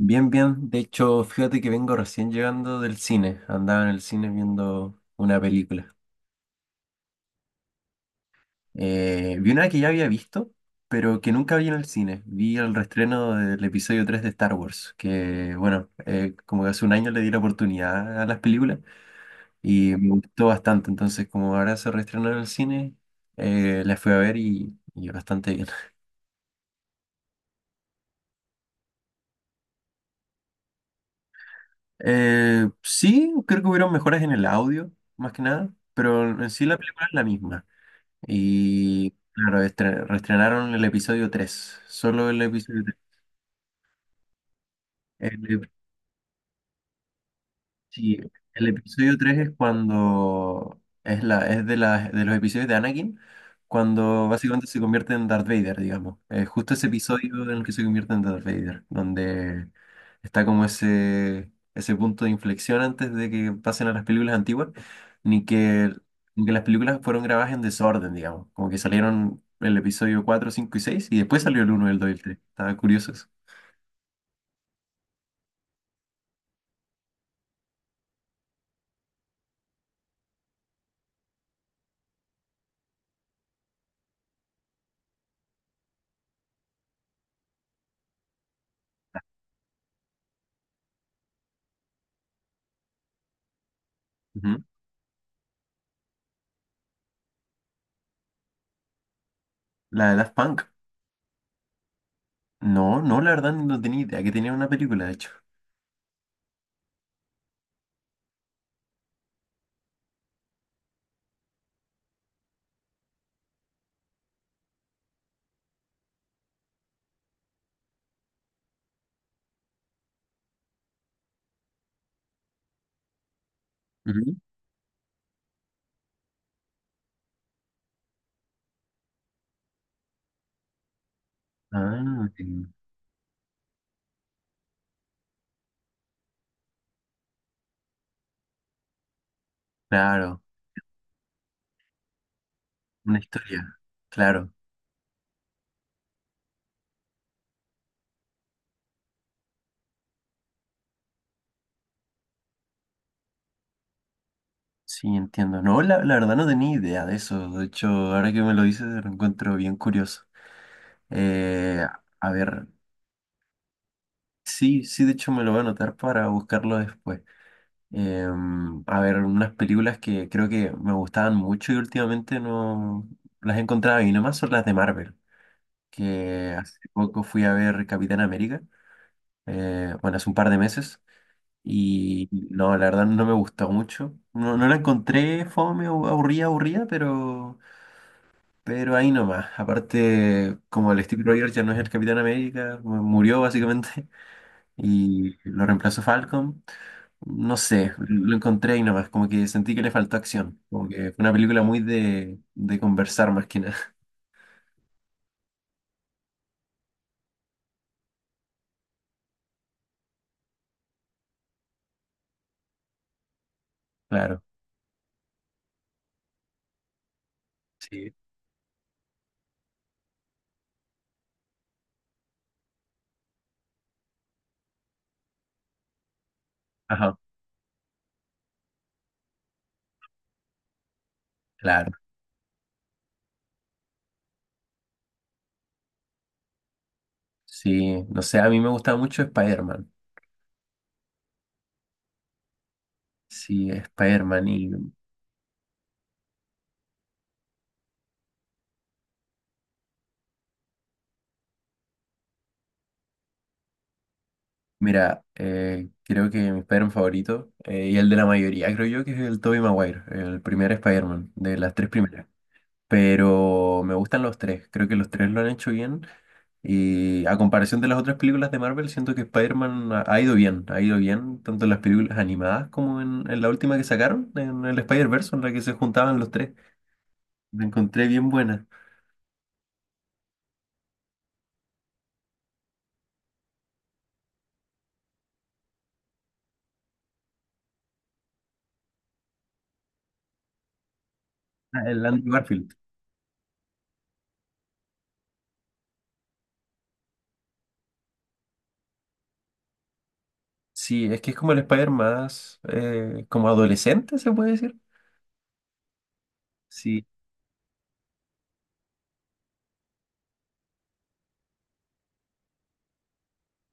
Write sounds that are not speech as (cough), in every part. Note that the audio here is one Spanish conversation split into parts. Bien, bien. De hecho, fíjate que vengo recién llegando del cine. Andaba en el cine viendo una película. Vi una que ya había visto, pero que nunca vi en el cine. Vi el reestreno del episodio 3 de Star Wars, que bueno, como que hace un año le di la oportunidad a las películas y me gustó bastante. Entonces, como ahora se reestrenó en el cine, la fui a ver y bastante bien. (laughs) Sí, creo que hubieron mejoras en el audio, más que nada, pero en sí la película es la misma. Y claro, reestrenaron el episodio 3 solo el episodio 3. Sí, el episodio 3 es cuando es la es de las de los episodios de Anakin cuando básicamente se convierte en Darth Vader, digamos. Justo ese episodio en el que se convierte en Darth Vader, donde está como ese punto de inflexión antes de que pasen a las películas antiguas, ni que ni que las películas fueron grabadas en desorden, digamos, como que salieron el episodio 4, 5 y 6 y después salió el uno, el 2 y el 3. Estaba curioso eso. Ujú. La de Daft Punk. No, no, la verdad no tenía idea que tenía una película, de hecho. Ujú. Ah, entiendo. Claro, una historia, claro, sí, entiendo. No, la verdad no tenía idea de eso, de hecho, ahora que me lo dices lo encuentro bien curioso. Eh, a ver, sí, sí, de hecho me lo voy a anotar para buscarlo después. A ver, unas películas que creo que me gustaban mucho y últimamente no las encontraba y nomás son las de Marvel, que hace poco fui a ver Capitán América, bueno, hace un par de meses. Y no, la verdad no me gustó mucho. No, no la encontré fome o aburrida, aburrida, pero ahí nomás. Aparte, como el Steve Rogers ya no es el Capitán América, murió básicamente (laughs) y lo reemplazó Falcon. No sé, lo encontré ahí nomás, como que sentí que le faltó acción. Como que fue una película muy de conversar más que nada. (laughs) Claro, sí. Ajá, claro. Sí, no sé, a mí me gustaba mucho Spider-Man. Sí, Spider-Man y Mira, creo que mi Spider-Man favorito, y el de la mayoría, creo yo que es el Tobey Maguire, el primer Spider-Man, de las tres primeras. Pero me gustan los tres, creo que los tres lo han hecho bien. Y a comparación de las otras películas de Marvel, siento que Spider-Man ha ido bien, ha ido bien, tanto en las películas animadas como en la última que sacaron, en el Spider-Verse, en la que se juntaban los tres. La encontré bien buena. Ah, el Andrew Garfield. Sí, es que es como el Spider más, como adolescente, se puede decir. Sí,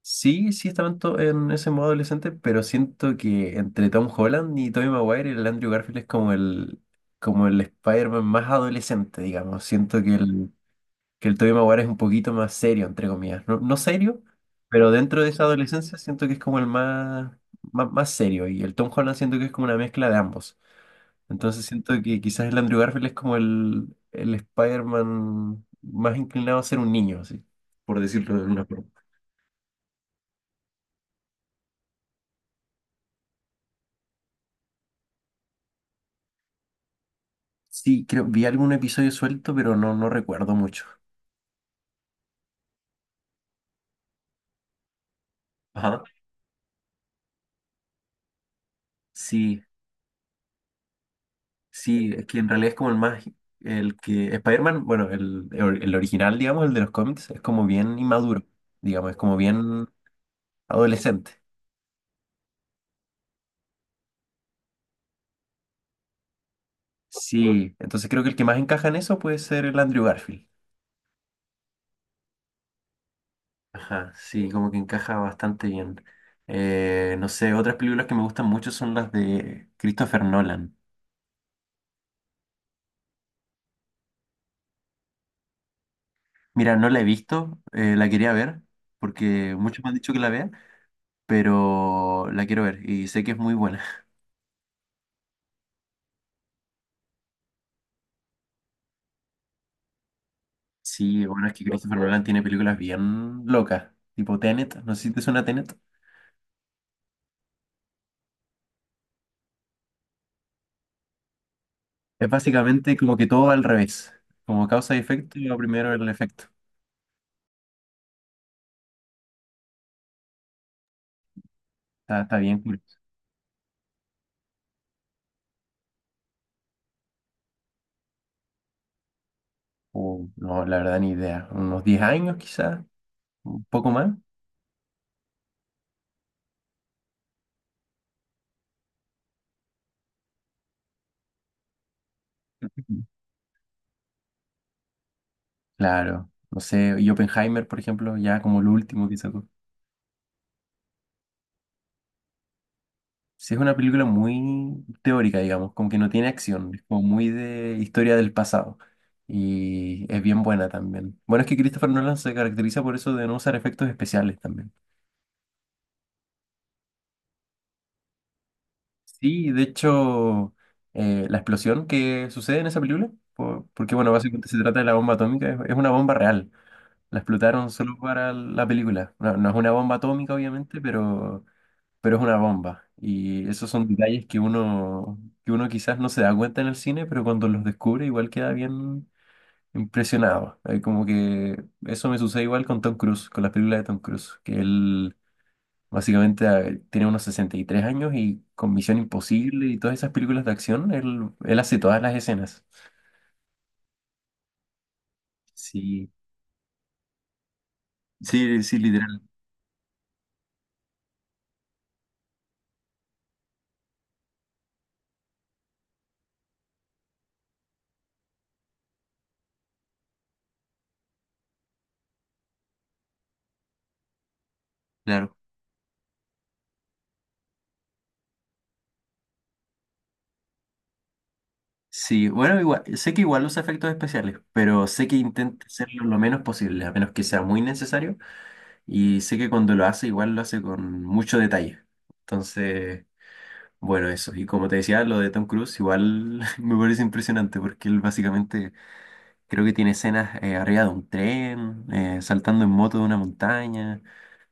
Sí, sí estaban en ese modo adolescente, pero siento que entre Tom Holland y Tobey Maguire, el Andrew Garfield es como el, Spider-Man más adolescente, digamos. Siento que el Tobey Maguire es un poquito más serio, entre comillas. No, no serio, pero dentro de esa adolescencia siento que es como el más, más, más serio. Y el Tom Holland siento que es como una mezcla de ambos. Entonces siento que quizás el Andrew Garfield es como el Spider-Man más inclinado a ser un niño, así, por decirlo de una forma. Sí, creo, vi algún episodio suelto, pero no, no recuerdo mucho. Ajá. Sí, sí, es que en realidad es como el más, el que, Spider-Man, bueno, el original, digamos, el de los cómics, es como bien inmaduro, digamos, es como bien adolescente. Sí, entonces creo que el que más encaja en eso puede ser el Andrew Garfield. Ajá, sí, como que encaja bastante bien. No sé, otras películas que me gustan mucho son las de Christopher Nolan. Mira, no la he visto, la quería ver, porque muchos me han dicho que la vea pero la quiero ver y sé que es muy buena. (laughs) Sí, bueno, es que Christopher Nolan tiene películas bien locas, tipo Tenet, no sé si te suena Tenet. Es básicamente como que todo va al revés, como causa y efecto, y lo primero el efecto. Está bien curioso. O, no, la verdad ni idea, unos 10 años quizás, un poco más. Ujú. Claro, no sé, y Oppenheimer, por ejemplo, ya como lo último quizás. Sí, es una película muy teórica, digamos, como que no tiene acción, es como muy de historia del pasado. Y es bien buena también. Bueno, es que Christopher Nolan se caracteriza por eso de no usar efectos especiales también. Sí, de hecho, la explosión que sucede en esa película, porque bueno, básicamente se trata de la bomba atómica, es una bomba real. La explotaron solo para la película. No, no es una bomba atómica, obviamente, pero es una bomba. Y esos son detalles que uno quizás no se da cuenta en el cine, pero cuando los descubre igual queda bien impresionado. Como que eso me sucede igual con Tom Cruise, con las películas de Tom Cruise, que él básicamente tiene unos 63 años y con Misión Imposible y todas esas películas de acción, él hace todas las escenas. Sí, sí, sí, literal, claro. Sí, bueno, igual, sé que igual los efectos especiales, pero sé que intenta hacerlo lo menos posible, a menos que sea muy necesario. Y sé que cuando lo hace, igual lo hace con mucho detalle. Entonces, bueno, eso. Y como te decía, lo de Tom Cruise, igual (laughs) me parece impresionante porque él básicamente creo que tiene escenas arriba de un tren, saltando en moto de una montaña,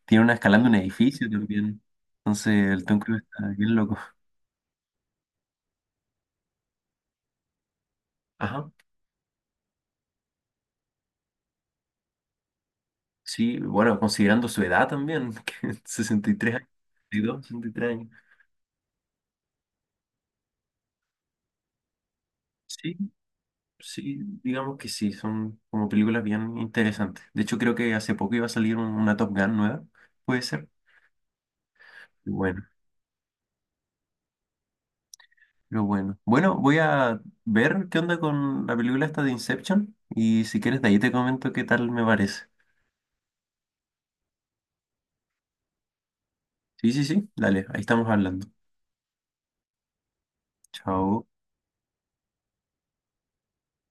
tiene una escalando un edificio también. Entonces, el Tom Cruise está bien loco. Ajá. Sí, bueno, considerando su edad también, (laughs) que 63 años, sesenta sesenta y dos sesenta y tres años. Sí, Sí, digamos que sí, son como películas bien interesantes. De hecho, creo que hace poco iba a salir una Top Gun nueva, puede ser. Y bueno, pero bueno. Bueno, voy a ver qué onda con la película esta de Inception y si quieres de ahí te comento qué tal me parece. Sí, sí, sí, dale, ahí estamos hablando. Chao.